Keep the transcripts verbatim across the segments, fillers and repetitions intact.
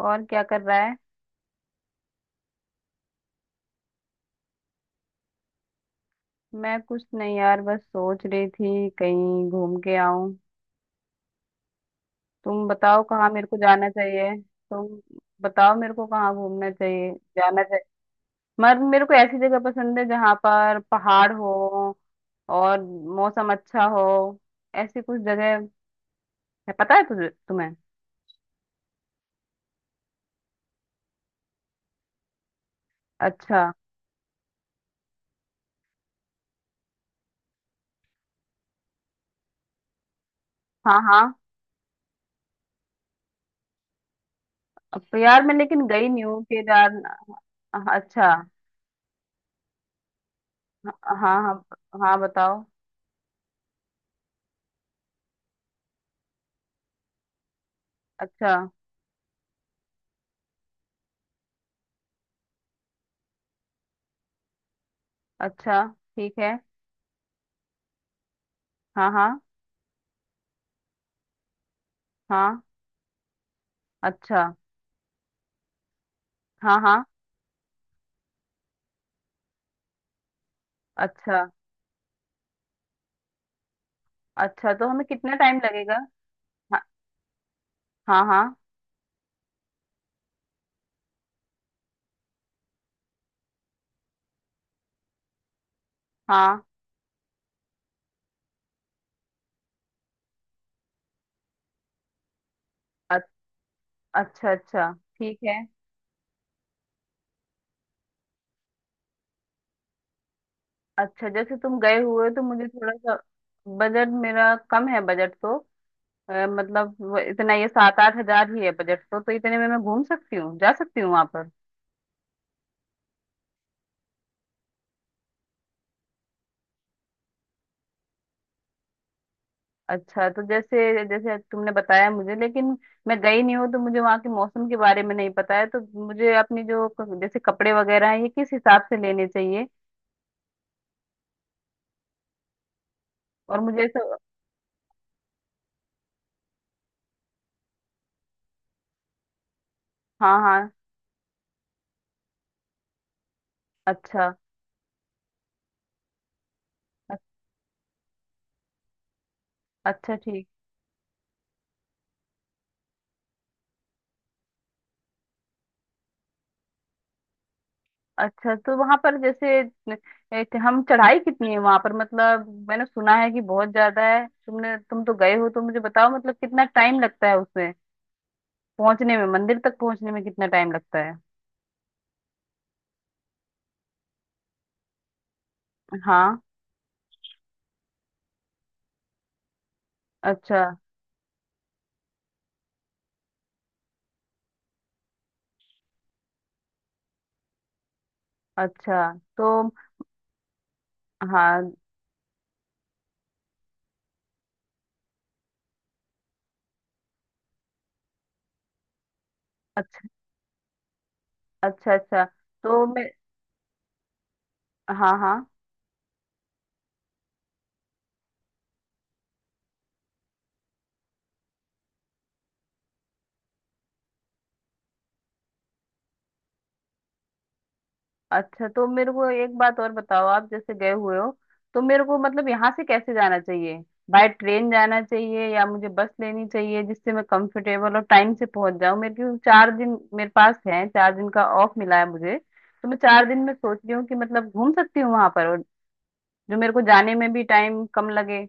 और क्या कर रहा है। मैं कुछ नहीं यार, बस सोच रही थी कहीं घूम के आऊं। तुम बताओ कहाँ मेरे को जाना चाहिए। तुम बताओ मेरे को कहाँ घूमना चाहिए, जाना चाहिए। मगर मेरे को ऐसी जगह पसंद है जहाँ पर पहाड़ हो और मौसम अच्छा हो। ऐसी कुछ जगह है पता है तुझे तुम्हें? अच्छा। हाँ हाँ। अब तो यार मैं लेकिन गई नहीं हूँ केदार। अच्छा। हाँ हाँ। हाँ बताओ। अच्छा। अच्छा ठीक है। हाँ हाँ। हाँ। अच्छा। हाँ हाँ। अच्छा। अच्छा तो हमें कितना टाइम लगेगा? हाँ। हाँ हाँ। हाँ। अ- अच्छा अच्छा। ठीक है। अच्छा जैसे तुम गए हुए हो, तो मुझे थोड़ा सा। बजट मेरा कम है, बजट तो अ, मतलब वो इतना ये सात आठ हजार ही है बजट तो तो इतने में मैं घूम सकती हूँ, जा सकती हूँ वहां पर। अच्छा तो जैसे जैसे तुमने बताया मुझे, लेकिन मैं गई नहीं हूँ तो मुझे वहाँ के मौसम के बारे में नहीं पता है, तो मुझे अपनी जो क- जैसे कपड़े वगैरह हैं ये किस हिसाब से लेने चाहिए? और मुझे ऐसा। हाँ हाँ। अच्छा। अ- अच्छा ठीक। अच्छा तो वहां पर जैसे एक हम चढ़ाई कितनी है वहां पर, मतलब मैंने सुना है कि बहुत ज्यादा है, तुमने तुम तो गए हो तो मुझे बताओ मतलब कितना टाइम लगता है उसमें पहुंचने में, मंदिर तक पहुंचने में कितना टाइम लगता है? हाँ। अच्छा। अच्छा। तो। हाँ। अच्छा। अच्छा अच्छा। तो मैं। हाँ हाँ। अच्छा तो मेरे को एक बात और बताओ, आप जैसे गए हुए हो तो मेरे को मतलब यहाँ से कैसे जाना चाहिए? बाय ट्रेन जाना चाहिए या मुझे बस लेनी चाहिए, जिससे मैं कंफर्टेबल और टाइम से पहुंच जाऊँ, मेरे क्योंकि चार दिन मेरे पास है, चार दिन का ऑफ मिला है मुझे। तो मैं चार दिन में सोच रही हूँ कि मतलब घूम सकती हूँ वहां पर, और जो मेरे को जाने में भी टाइम कम लगे।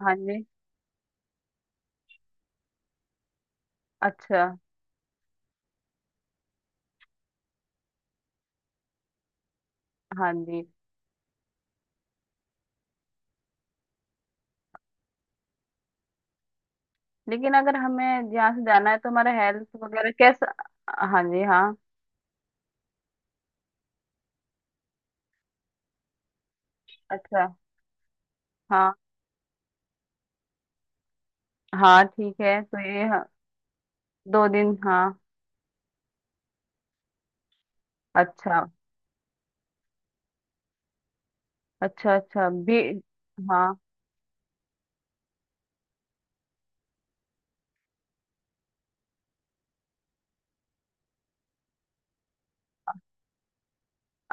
हाँ जी। अच्छा। हाँ जी। लेकिन अगर हमें यहाँ से जाना है तो हमारा हेल्थ वगैरह कैसा? हाँ जी हाँ। अच्छा। हाँ। हाँ ठीक है। तो ये दो दिन हाँ। अच्छा। अच्छा अच्छा भी। हाँ।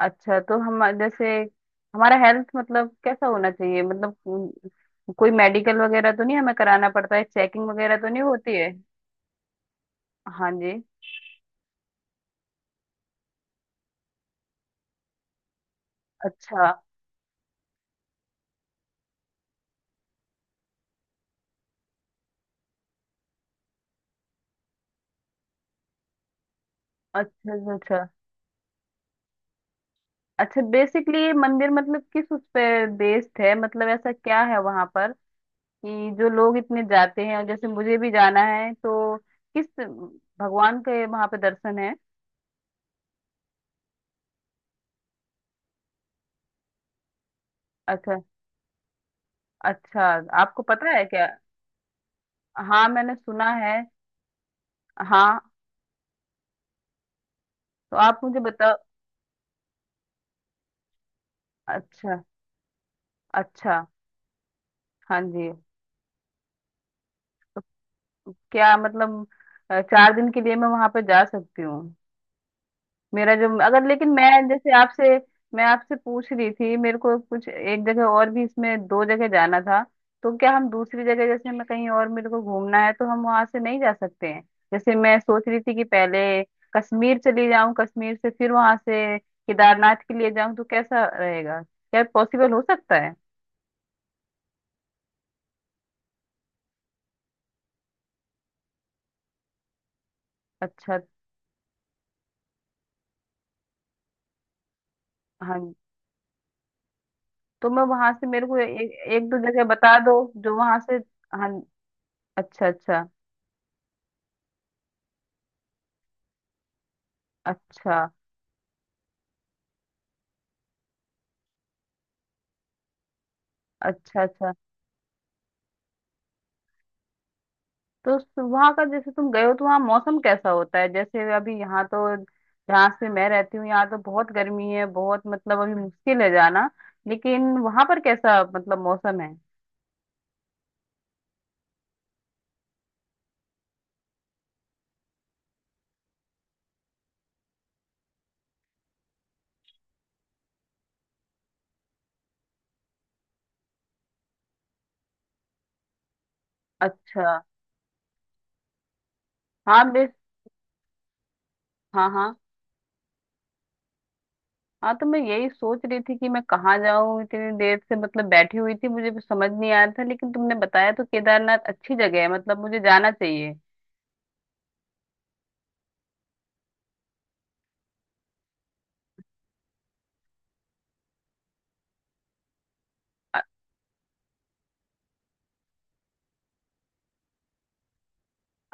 अच्छा तो हम जैसे हमारा हेल्थ मतलब कैसा होना चाहिए, मतलब उम, कोई मेडिकल वगैरह तो नहीं हमें कराना पड़ता है, चेकिंग वगैरह तो नहीं होती है? हाँ जी। अच्छा अच्छा अच्छा। अच्छा। अच्छा बेसिकली ये मंदिर मतलब किस उस पे बेस्ड है, मतलब ऐसा क्या है वहां पर कि जो लोग इतने जाते हैं, और जैसे मुझे भी जाना है तो किस भगवान के वहां पे दर्शन है? अच्छा। अच्छा। आपको पता है क्या? हाँ मैंने सुना है। हाँ तो आप मुझे बताओ। अच्छा। अच्छा। हाँ जी। क्या मतलब अ, चार दिन के लिए मैं वहां पे जा सकती हूँ? मेरा जो अगर लेकिन मैं जैसे आपसे, मैं आपसे पूछ रही थी, मेरे को कुछ एक जगह और भी, इसमें दो जगह जाना था, तो क्या हम दूसरी जगह जैसे मैं कहीं और मेरे को घूमना है तो हम वहां से नहीं जा सकते हैं? जैसे मैं सोच रही थी कि पहले कश्मीर चली जाऊं, कश्मीर से फिर वहां से केदारनाथ के लिए जाऊं तो कैसा रहेगा, क्या पॉसिबल हो सकता है? अच्छा। हाँ। तो मैं वहां से मेरे को एक एक दो जगह बता दो, जो वहां से। हाँ। अच्छा अच्छा। अच्छा। अच्छा। अच्छा तो वहां का जैसे तुम गए हो तो वहाँ मौसम कैसा होता है? जैसे अभी यहाँ तो, जहाँ से मैं रहती हूँ यहाँ तो बहुत गर्मी है, बहुत मतलब अभी मुश्किल है जाना, लेकिन वहां पर कैसा मतलब मौसम है? अच्छा। हाँ बेस, हाँ हाँ। हाँ तो मैं यही सोच रही थी कि मैं कहाँ जाऊँ, इतनी देर से मतलब बैठी हुई थी, मुझे भी समझ नहीं आया था, लेकिन तुमने बताया तो केदारनाथ अच्छी जगह है, मतलब मुझे जाना चाहिए। अ-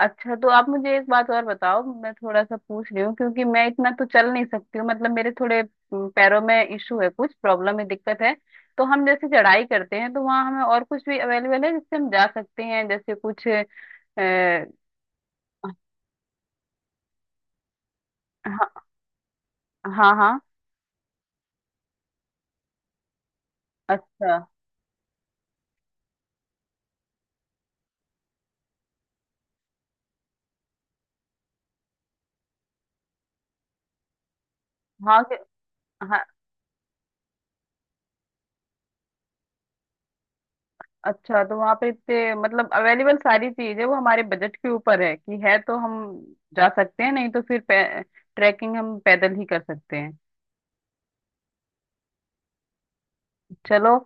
अच्छा तो आप मुझे एक बात और बताओ, मैं थोड़ा सा पूछ रही हूँ क्योंकि मैं इतना तो चल नहीं सकती हूँ, मतलब मेरे थोड़े अम, पैरों में इशू है, कुछ प्रॉब्लम है, दिक्कत है। तो हम जैसे चढ़ाई करते हैं तो वहाँ हमें और कुछ भी अवेलेबल है जिससे हम जा सकते हैं जैसे कुछ? अ, हाँ हाँ हाँ, अच्छा। हाँ कि- हाँ। अच्छा तो वहाँ पे इतने मतलब अवेलेबल सारी चीज है, वो हमारे बजट के ऊपर है कि है तो हम जा सकते हैं, नहीं तो फिर ट्रैकिंग हम पैदल ही कर सकते हैं। चलो।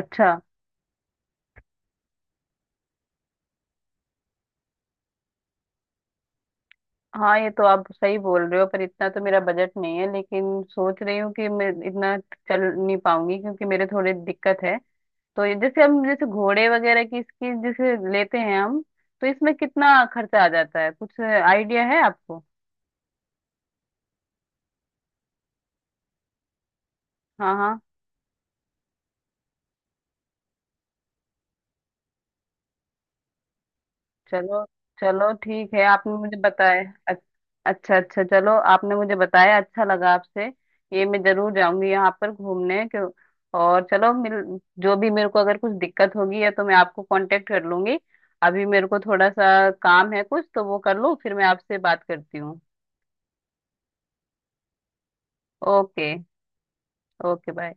अच्छा। हाँ ये तो आप सही बोल रहे हो, पर इतना तो मेरा बजट नहीं है, लेकिन सोच रही हूँ कि मैं इतना चल नहीं पाऊंगी क्योंकि मेरे थोड़े दिक्कत है। तो ये जैसे हम जैसे घोड़े वगैरह की इसकी जैसे लेते हैं हम, तो इसमें कितना खर्चा आ जाता है, कुछ आइडिया है आपको? हाँ हाँ। चलो। चलो ठीक है, आपने मुझे बताया। अच- अच्छा अच्छा चलो, आपने मुझे बताया, अच्छा लगा आपसे। ये मैं जरूर जाऊंगी यहाँ पर घूमने क्यों। और चलो मिल, जो भी मेरे को अगर कुछ दिक्कत होगी या तो मैं आपको कांटेक्ट कर लूंगी। अभी मेरे को थोड़ा सा काम है कुछ, तो वो कर लूँ फिर मैं आपसे बात करती हूँ। ओके। Okay bye.